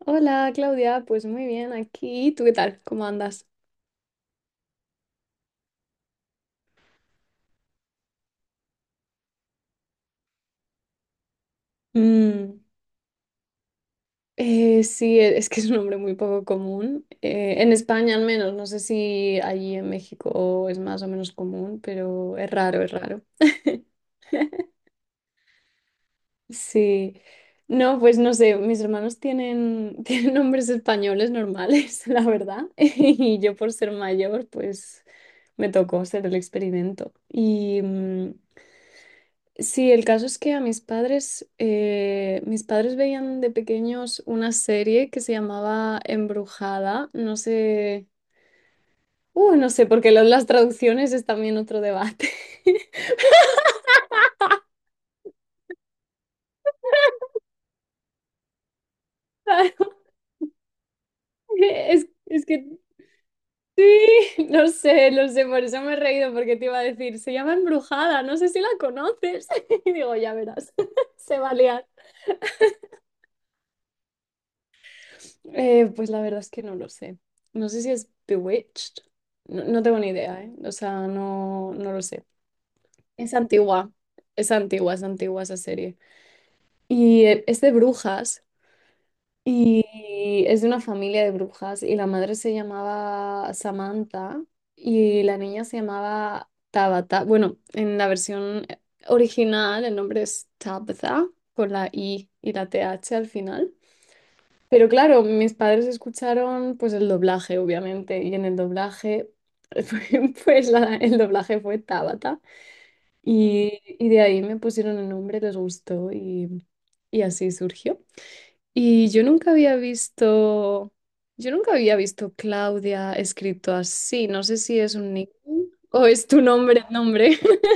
Hola Claudia, pues muy bien aquí. ¿Tú qué tal? ¿Cómo andas? Mm. Sí, es que es un nombre muy poco común. En España al menos, no sé si allí en México es más o menos común, pero es raro, es raro. Sí. No, pues no sé, mis hermanos tienen, tienen nombres españoles normales, la verdad. Y yo por ser mayor, pues me tocó hacer el experimento. Sí, el caso es que a mis padres veían de pequeños una serie que se llamaba Embrujada. No sé, no sé, porque las traducciones es también otro debate. Es que sí, no sé, no sé, por eso me he reído, porque te iba a decir, se llama Embrujada, no sé si la conoces. Y digo, ya verás, se va a liar. Pues la verdad es que no lo sé. No sé si es Bewitched. No, no tengo ni idea, ¿eh? O sea, no, no lo sé. Es antigua, es antigua, es antigua esa serie. Es de brujas, y es de una familia de brujas, y la madre se llamaba Samantha, y la niña se llamaba Tabata. Bueno, en la versión original el nombre es Tabitha, con la I y la TH al final. Pero claro, mis padres escucharon pues el doblaje, obviamente, y en el doblaje, pues el doblaje fue Tabata. Y de ahí me pusieron el nombre, les gustó y así surgió. Y yo nunca había visto, yo nunca había visto Claudia escrito así. No sé si es un nickname o es tu nombre, nombre.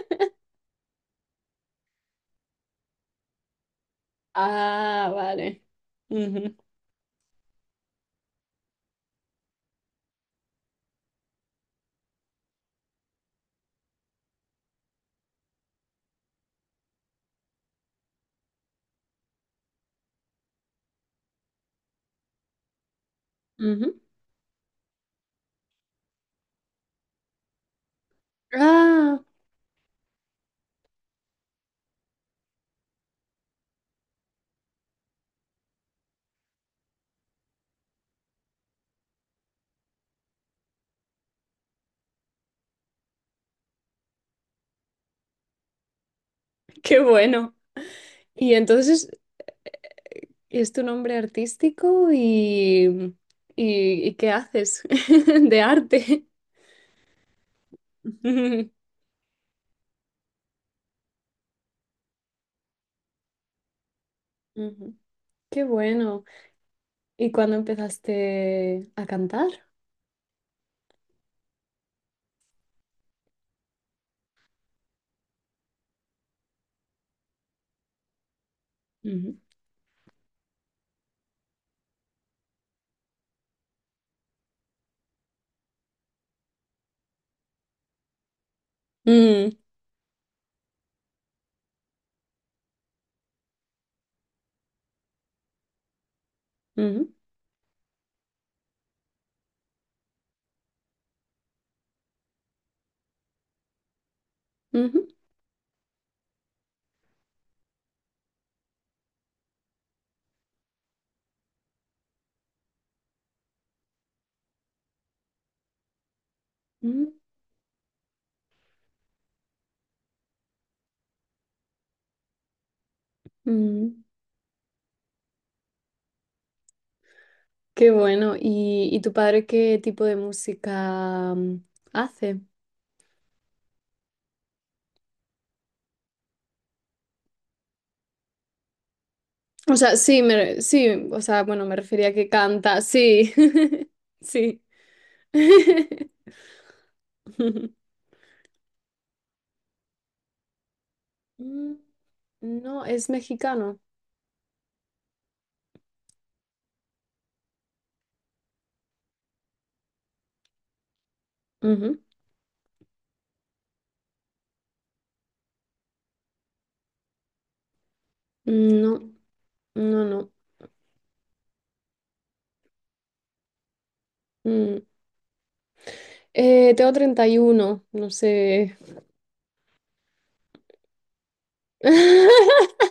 Ah, vale. Ujú, ujú. Ah, qué bueno. Y entonces, ¿es tu nombre artístico y qué haces de arte? Ujú. Qué bueno. ¿Y cuándo empezaste a cantar? Ujú. Mm, ujú, ujú, ujú, ujú. Qué bueno. ¿Y tu padre qué tipo de música hace? O sea, sí, sí, o sea, bueno, me refería a que canta, sí, sí. Mm. No, es mexicano. Ujú. No, no, no. Mm. Tengo 31, no sé.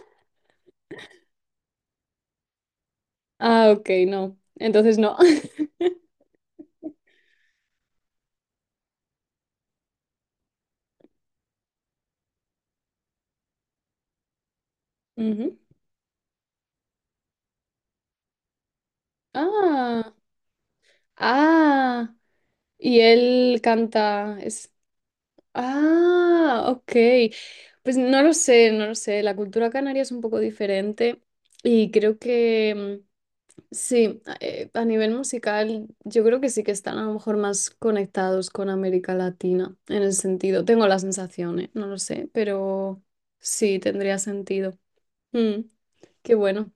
Ah, ok, no. Entonces no. Ujú. Ah, ah, y él canta, es, ah, ok, pues no lo sé, no lo sé, la cultura canaria es un poco diferente y creo que sí, a nivel musical yo creo que sí que están a lo mejor más conectados con América Latina en el sentido, tengo la sensación, no lo sé, pero sí, tendría sentido. Mm, qué bueno.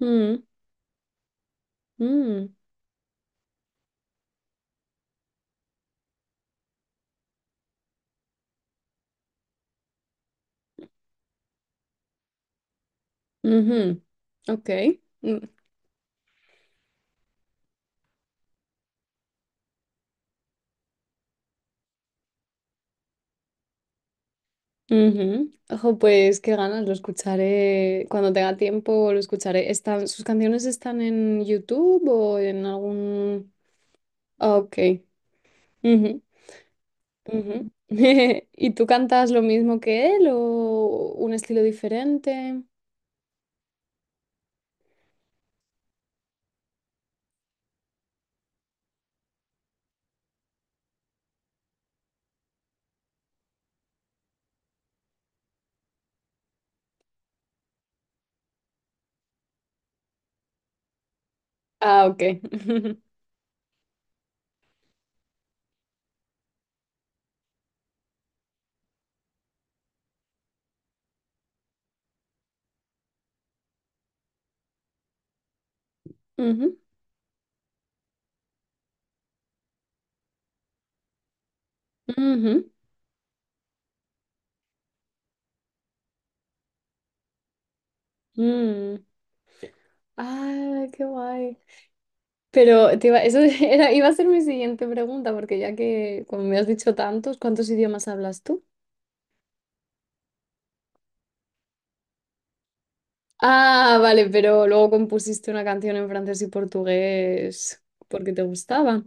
Mm, mm, ujú. Ok. Mm. Ujú. Ojo, pues qué ganas, lo escucharé cuando tenga tiempo, lo escucharé. ¿Están, sus canciones están en YouTube o en algún? Ah, ok. Ujú, ujú. ¿Y tú cantas lo mismo que él o un estilo diferente? Ah, ok. Ujú, ujú, mm. Ah, qué guay. Pero te iba, eso era, iba a ser mi siguiente pregunta, porque ya que, como me has dicho tantos, ¿cuántos idiomas hablas tú? Ah, vale, pero luego compusiste una canción en francés y portugués porque te gustaba.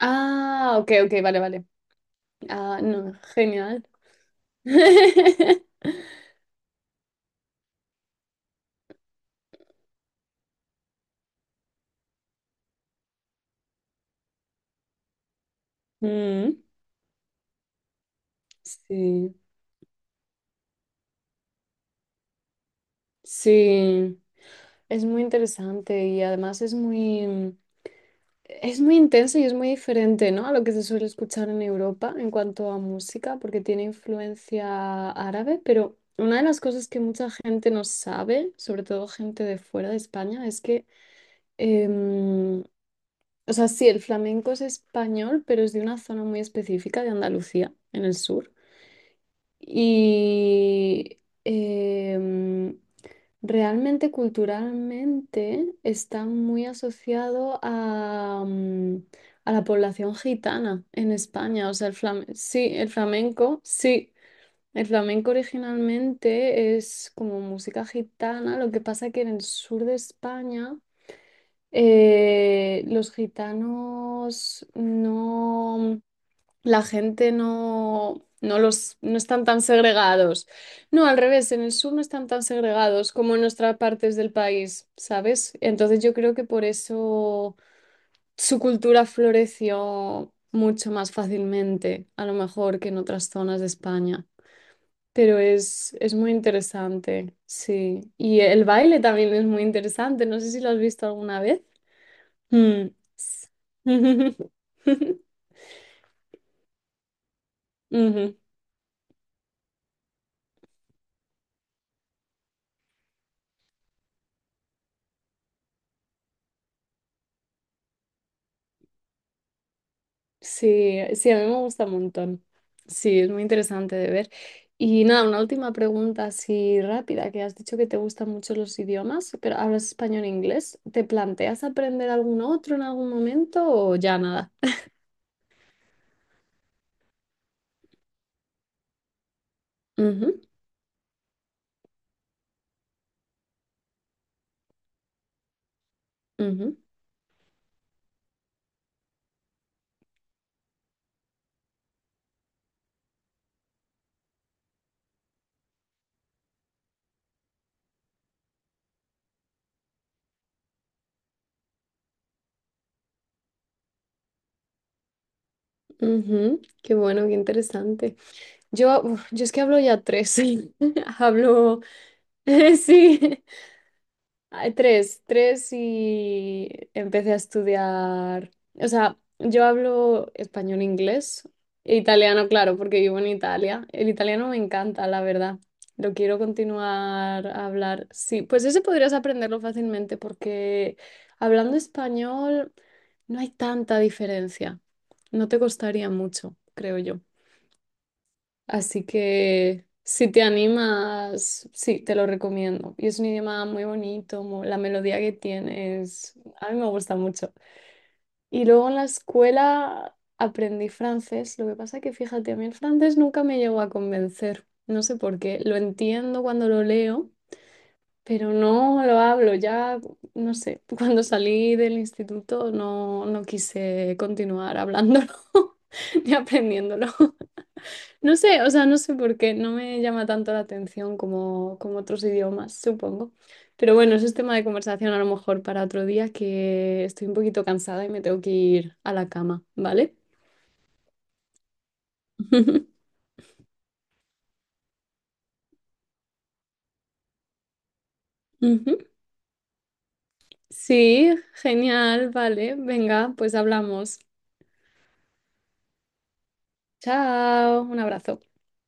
Ah, ok, ok, vale, vale. Ah, no, genial. Mm, sí, sí. Es muy interesante y además es muy intenso y es muy diferente, ¿no? A lo que se suele escuchar en Europa en cuanto a música, porque tiene influencia árabe, pero una de las cosas que mucha gente no sabe, sobre todo gente de fuera de España, es que, Em, o sea, sí, el flamenco es español, pero es de una zona muy específica de Andalucía, en el sur. Y realmente culturalmente está muy asociado a, a la población gitana en España. O sea, sí. El flamenco originalmente es como música gitana, lo que pasa que en el sur de España los gitanos no, la gente no, no los, no están tan segregados. No, al revés, en el sur no están tan segregados como en otras partes del país, ¿sabes? Entonces yo creo que por eso su cultura floreció mucho más fácilmente, a lo mejor que en otras zonas de España. Pero es muy interesante, sí. Y el baile también es muy interesante. No sé si lo has visto alguna vez. Mm. S- Ujú. Sí, sí, a mí me gusta un montón. Sí, es muy interesante de ver. Y nada, una última pregunta así rápida, que has dicho que te gustan mucho los idiomas, pero hablas español e inglés. ¿Te planteas aprender algún otro en algún momento o ya nada? Ujú, ujú, ujú. Qué bueno, qué interesante. Yo, uf, yo es que hablo ya tres. Hablo, sí, ah, tres, tres y empecé a estudiar. O sea, yo hablo español, e inglés e italiano, claro, porque vivo en Italia. El italiano me encanta, la verdad. Lo quiero continuar a hablar. Sí, pues ese podrías aprenderlo fácilmente porque hablando español no hay tanta diferencia. No te costaría mucho, creo yo. Así que si te animas, sí, te lo recomiendo. Y es un idioma muy bonito, la melodía que tiene a mí me gusta mucho. Y luego en la escuela aprendí francés, lo que pasa que fíjate, a mí el francés nunca me llegó a convencer, no sé por qué, lo entiendo cuando lo leo, pero no lo hablo, ya, no sé, cuando salí del instituto no, no quise continuar hablándolo ni aprendiéndolo. No sé, o sea, no sé por qué, no me llama tanto la atención como otros idiomas, supongo. Pero bueno, eso es tema de conversación a lo mejor para otro día que estoy un poquito cansada y me tengo que ir a la cama, ¿vale? Ujú. Sí, genial, vale. Venga, pues hablamos. Chao, un abrazo.